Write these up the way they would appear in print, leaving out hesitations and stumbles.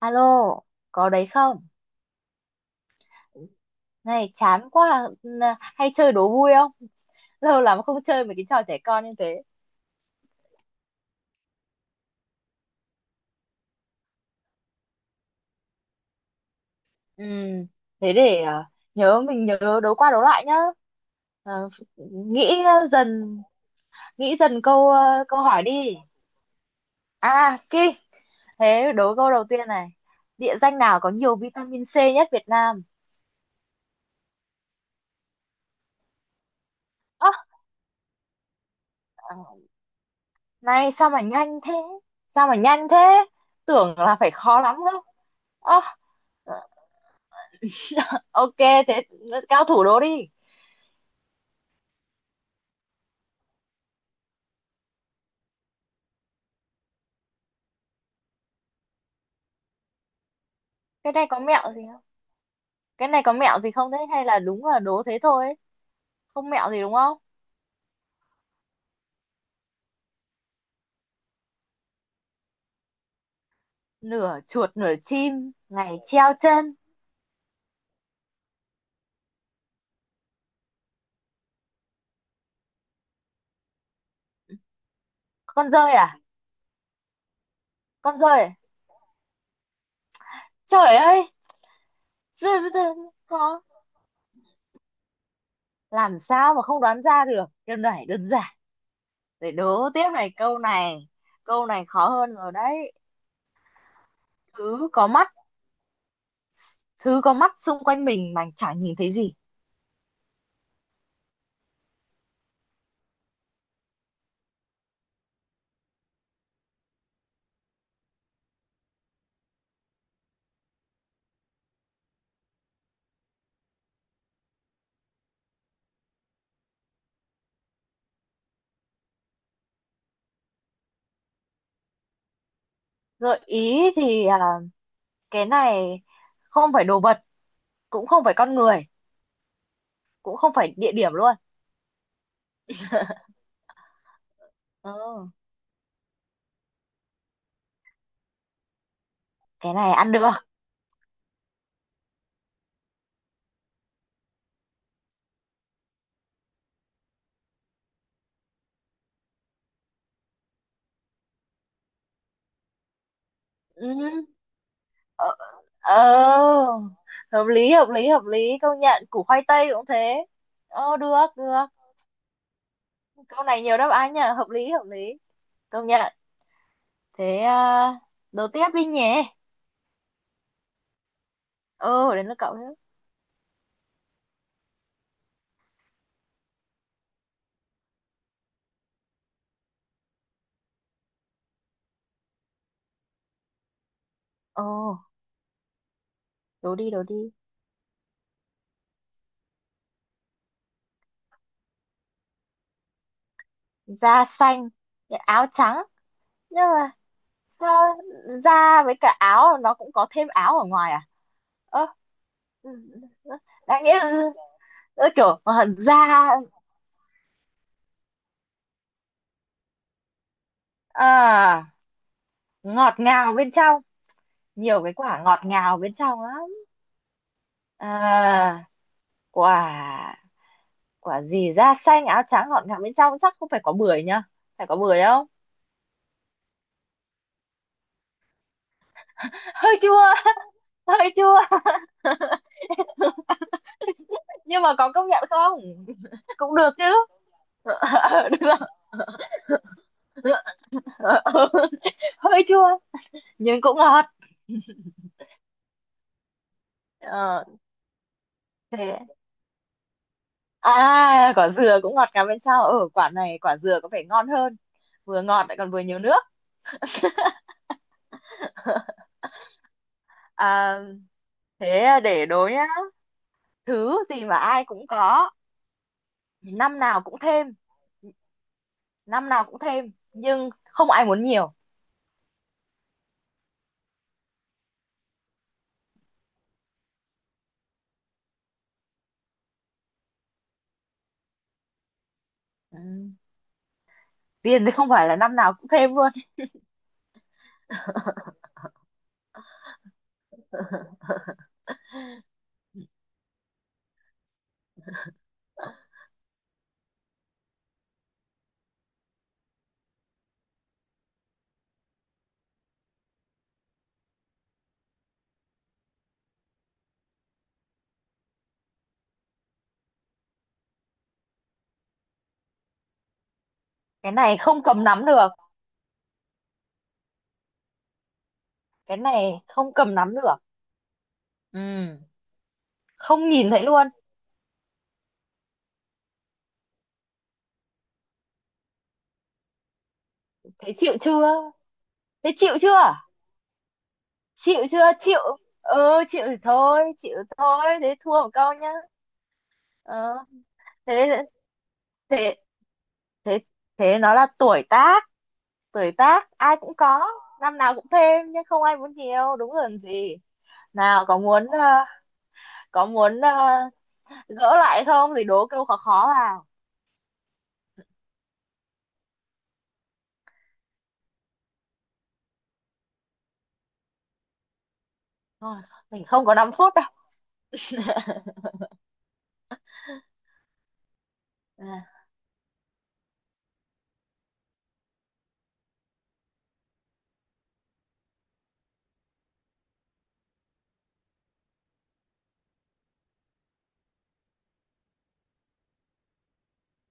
Alo, có đấy không? Này, chán quá. Hay chơi đố vui không? Lâu lắm không chơi mấy cái trò trẻ con như thế. Ừ, thế để mình nhớ đố qua đố lại nhá. Ờ, nghĩ ờ, dần, nghĩ dần câu hỏi đi. À, Ki, thế đố câu đầu tiên này. Địa danh nào có nhiều vitamin C nhất Việt Nam? Ơ, này sao mà nhanh thế? Sao mà nhanh thế? Tưởng là phải khó lắm đâu. Ơ, ok, thế cao thủ đố đi. Cái này có mẹo gì không, cái này có mẹo gì không, thế hay là đúng là đố thế thôi ấy? Không mẹo gì đúng không? Nửa chuột nửa chim, ngày treo chân. Con dơi à? Con dơi à? Trời ơi, dơi với dơi khó. Làm sao mà không đoán ra được, đơn giản, đơn giản. Để đố tiếp này, câu này, câu này khó hơn rồi đấy. Thứ có mắt thứ có mắt xung quanh mình mà chẳng nhìn thấy gì. Gợi ý thì cái này không phải đồ vật, cũng không phải con người, cũng không phải địa điểm luôn. Ừ. Cái này ăn được. Ừ. Ờ, ờ, hợp lý hợp lý hợp lý, công nhận củ khoai tây cũng thế. Được được. Câu này nhiều đáp án nhỉ, hợp lý hợp lý, công nhận. Thế à, đố tiếp đi nhỉ. Ừ, đến lượt cậu nữa. Ừ, đố đi đố đi. Da xanh, áo trắng, nhưng mà sao da với cả áo, nó cũng có thêm áo ở ngoài à? Ơ đáng nghĩa là- Ơ, kiểu, da à. Ngọt ngào bên trong. Nhiều cái quả ngọt ngào bên trong lắm. à, Quả, gì da xanh áo trắng ngọt ngào bên trong, chắc không phải có bưởi nhá. Phải có bưởi không? Hơi chua, hơi chua. Nhưng mà có công nhận không? Cũng được chứ. Được. Hơi chua nhưng cũng ngọt. Ờ, thế à, quả dừa cũng ngọt ngào bên trong, ở quả này quả dừa có vẻ ngon hơn. Vừa ngọt lại còn vừa nhiều nước. à, Thế để đố nhá. Thứ gì mà ai cũng có, năm nào cũng thêm, năm nào cũng thêm nhưng không ai muốn nhiều. Ừ. Tiền thì không phải là năm nào cũng thêm luôn. Cái này không cầm nắm được, cái này không cầm nắm được. Ừ. Không nhìn thấy luôn. Thế chịu chưa? Thế chịu chưa? Chịu chưa? Chịu. Ừ, chịu thì thôi, chịu thôi, thế thua một câu nhá. Ờ, thế thế thế thế nó là tuổi tác. Tuổi tác ai cũng có, năm nào cũng thêm nhưng không ai muốn nhiều, đúng rồi, làm gì. Nào, có muốn gỡ lại không thì đố câu khó khó vào. Thôi, mình không có 5 phút đâu. À,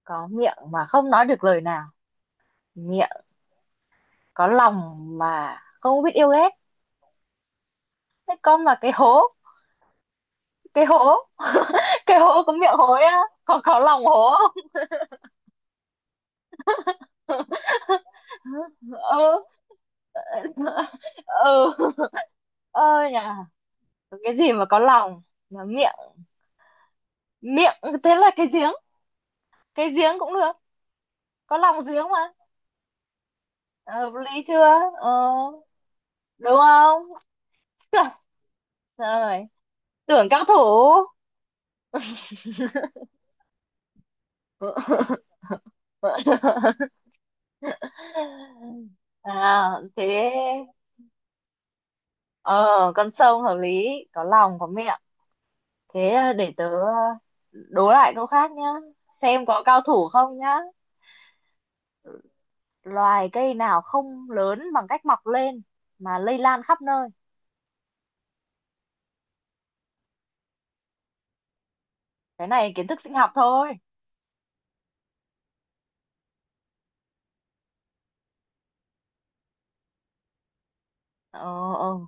có miệng mà không nói được lời nào, miệng có lòng mà không biết yêu ghét. Thế con là cái hố, cái hố, cái hố có miệng hối á, còn có lòng hố. Ừ, ừ, ơi nhà, cái gì mà có lòng mà miệng, thế là cái giếng, cái giếng cũng được. Có lòng giếng mà. Ờ, hợp lý chưa? ờ, Đúng không? Rồi, tưởng cao thủ. À, thế, ờ con sông hợp lý, có lòng có miệng. Thế à, để tớ đố lại câu khác nhá. Xem có cao thủ không nhá. Loài cây nào không lớn bằng cách mọc lên mà lây lan khắp nơi. Cái này kiến thức sinh học thôi. Ờ, ờ,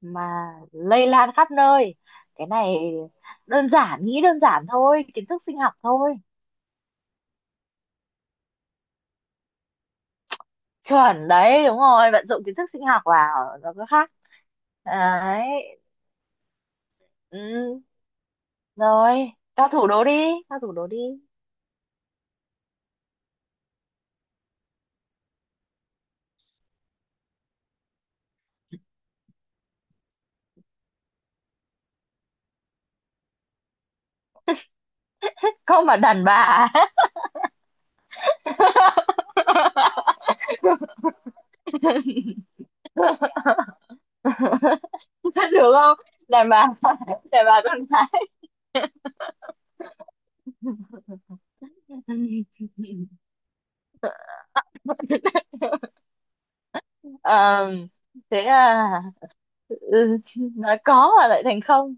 mà lây lan khắp nơi. Cái này đơn giản, nghĩ đơn giản thôi, kiến thức sinh học thôi. Chuẩn đấy, đúng rồi, vận dụng kiến thức sinh học vào nó có khác. Đấy. Ừ. Rồi tao thủ đố đi, tao thủ đố đi. Không mà đàn bà. Vẫn được không. Đàn bà, đàn bà con gái. Ờ, thế à, ừ, nói có mà lại thành không,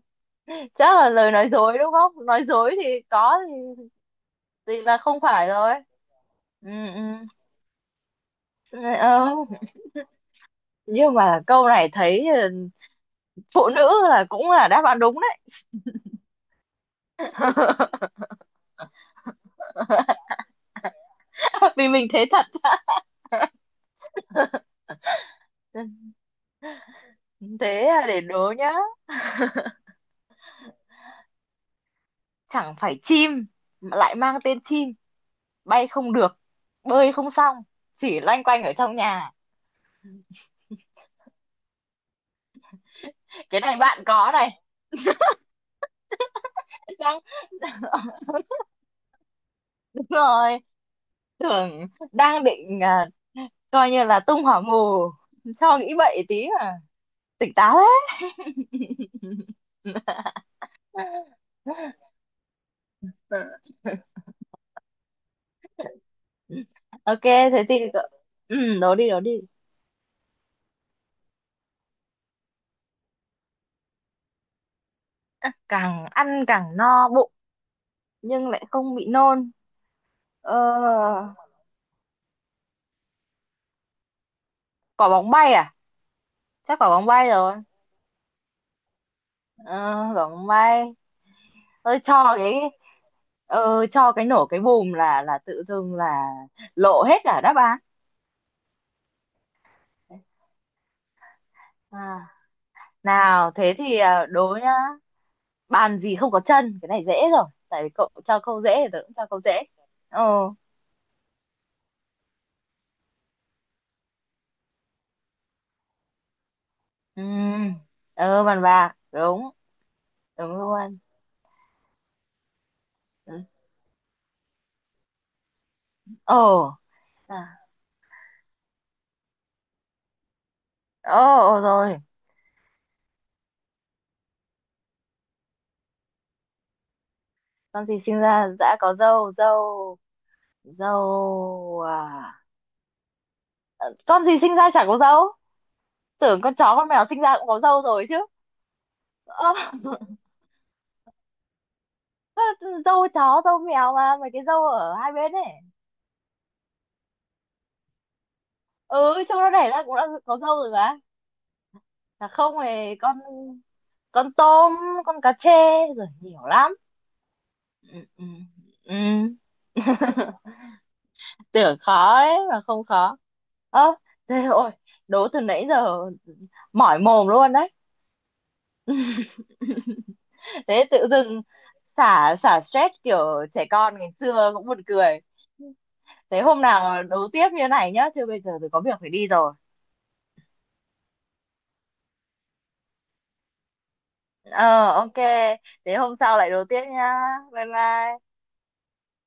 chắc là lời nói dối, đúng không, nói dối thì có thì là không phải rồi. Ừ, ừ. Ờ, nhưng mà câu này thấy phụ nữ là cũng là đáp án đúng đấy. Vì mình thế thật. Thế à, để đố nhá. Chẳng phải chim mà lại mang tên chim, bay không được, bơi không xong, chỉ loanh quanh ở trong nhà. Cái này bạn có này. Đang đúng rồi, tưởng đang định coi như là tung hỏa mù cho nghĩ bậy tí mà. Tỉnh táo. Đấy. Ok, ừ, đố đi đố đi. Càng ăn càng no bụng nhưng lại không bị nôn. Ờ, quả bóng bay à? Chắc quả bóng bay rồi. Ờ, quả bóng bay. Tôi cho cái nổ cái bùm là tự dưng lộ hết cả đáp án. à, Nào thế thì đố nhá. Bàn gì không có chân? Cái này dễ rồi, tại vì cậu cho câu dễ thì tớ cũng cho câu dễ. Ồ, ừ, ờ, bàn bạc đúng. Đúng luôn. Ừ. Ồ. à, Ồ, ồ rồi. Con gì sinh ra đã có dâu dâu Dâu à? Con gì sinh ra chả có dâu. Tưởng con chó con mèo sinh ra cũng có dâu rồi chứ. Ơ, dâu chó dâu mèo, mà mấy cái dâu ở hai bên ấy. Ừ, trong nó đẻ ra cũng đã có dâu rồi mà. Là không thì con con tôm, con cá trê, rồi nhiều lắm. Ừ, ừ, ừ. Tưởng khó đấy mà không khó. Ơ, thế, ôi, đố từ nãy giờ mỏi mồm luôn đấy. Thế tự dưng xả xả stress kiểu, trẻ con ngày xưa cũng buồn cười. Thế hôm nào đấu tiếp như này nhá, chứ bây giờ tôi có việc phải đi rồi. Ờ, ok, thế hôm sau lại đấu tiếp nhá. Bye bye.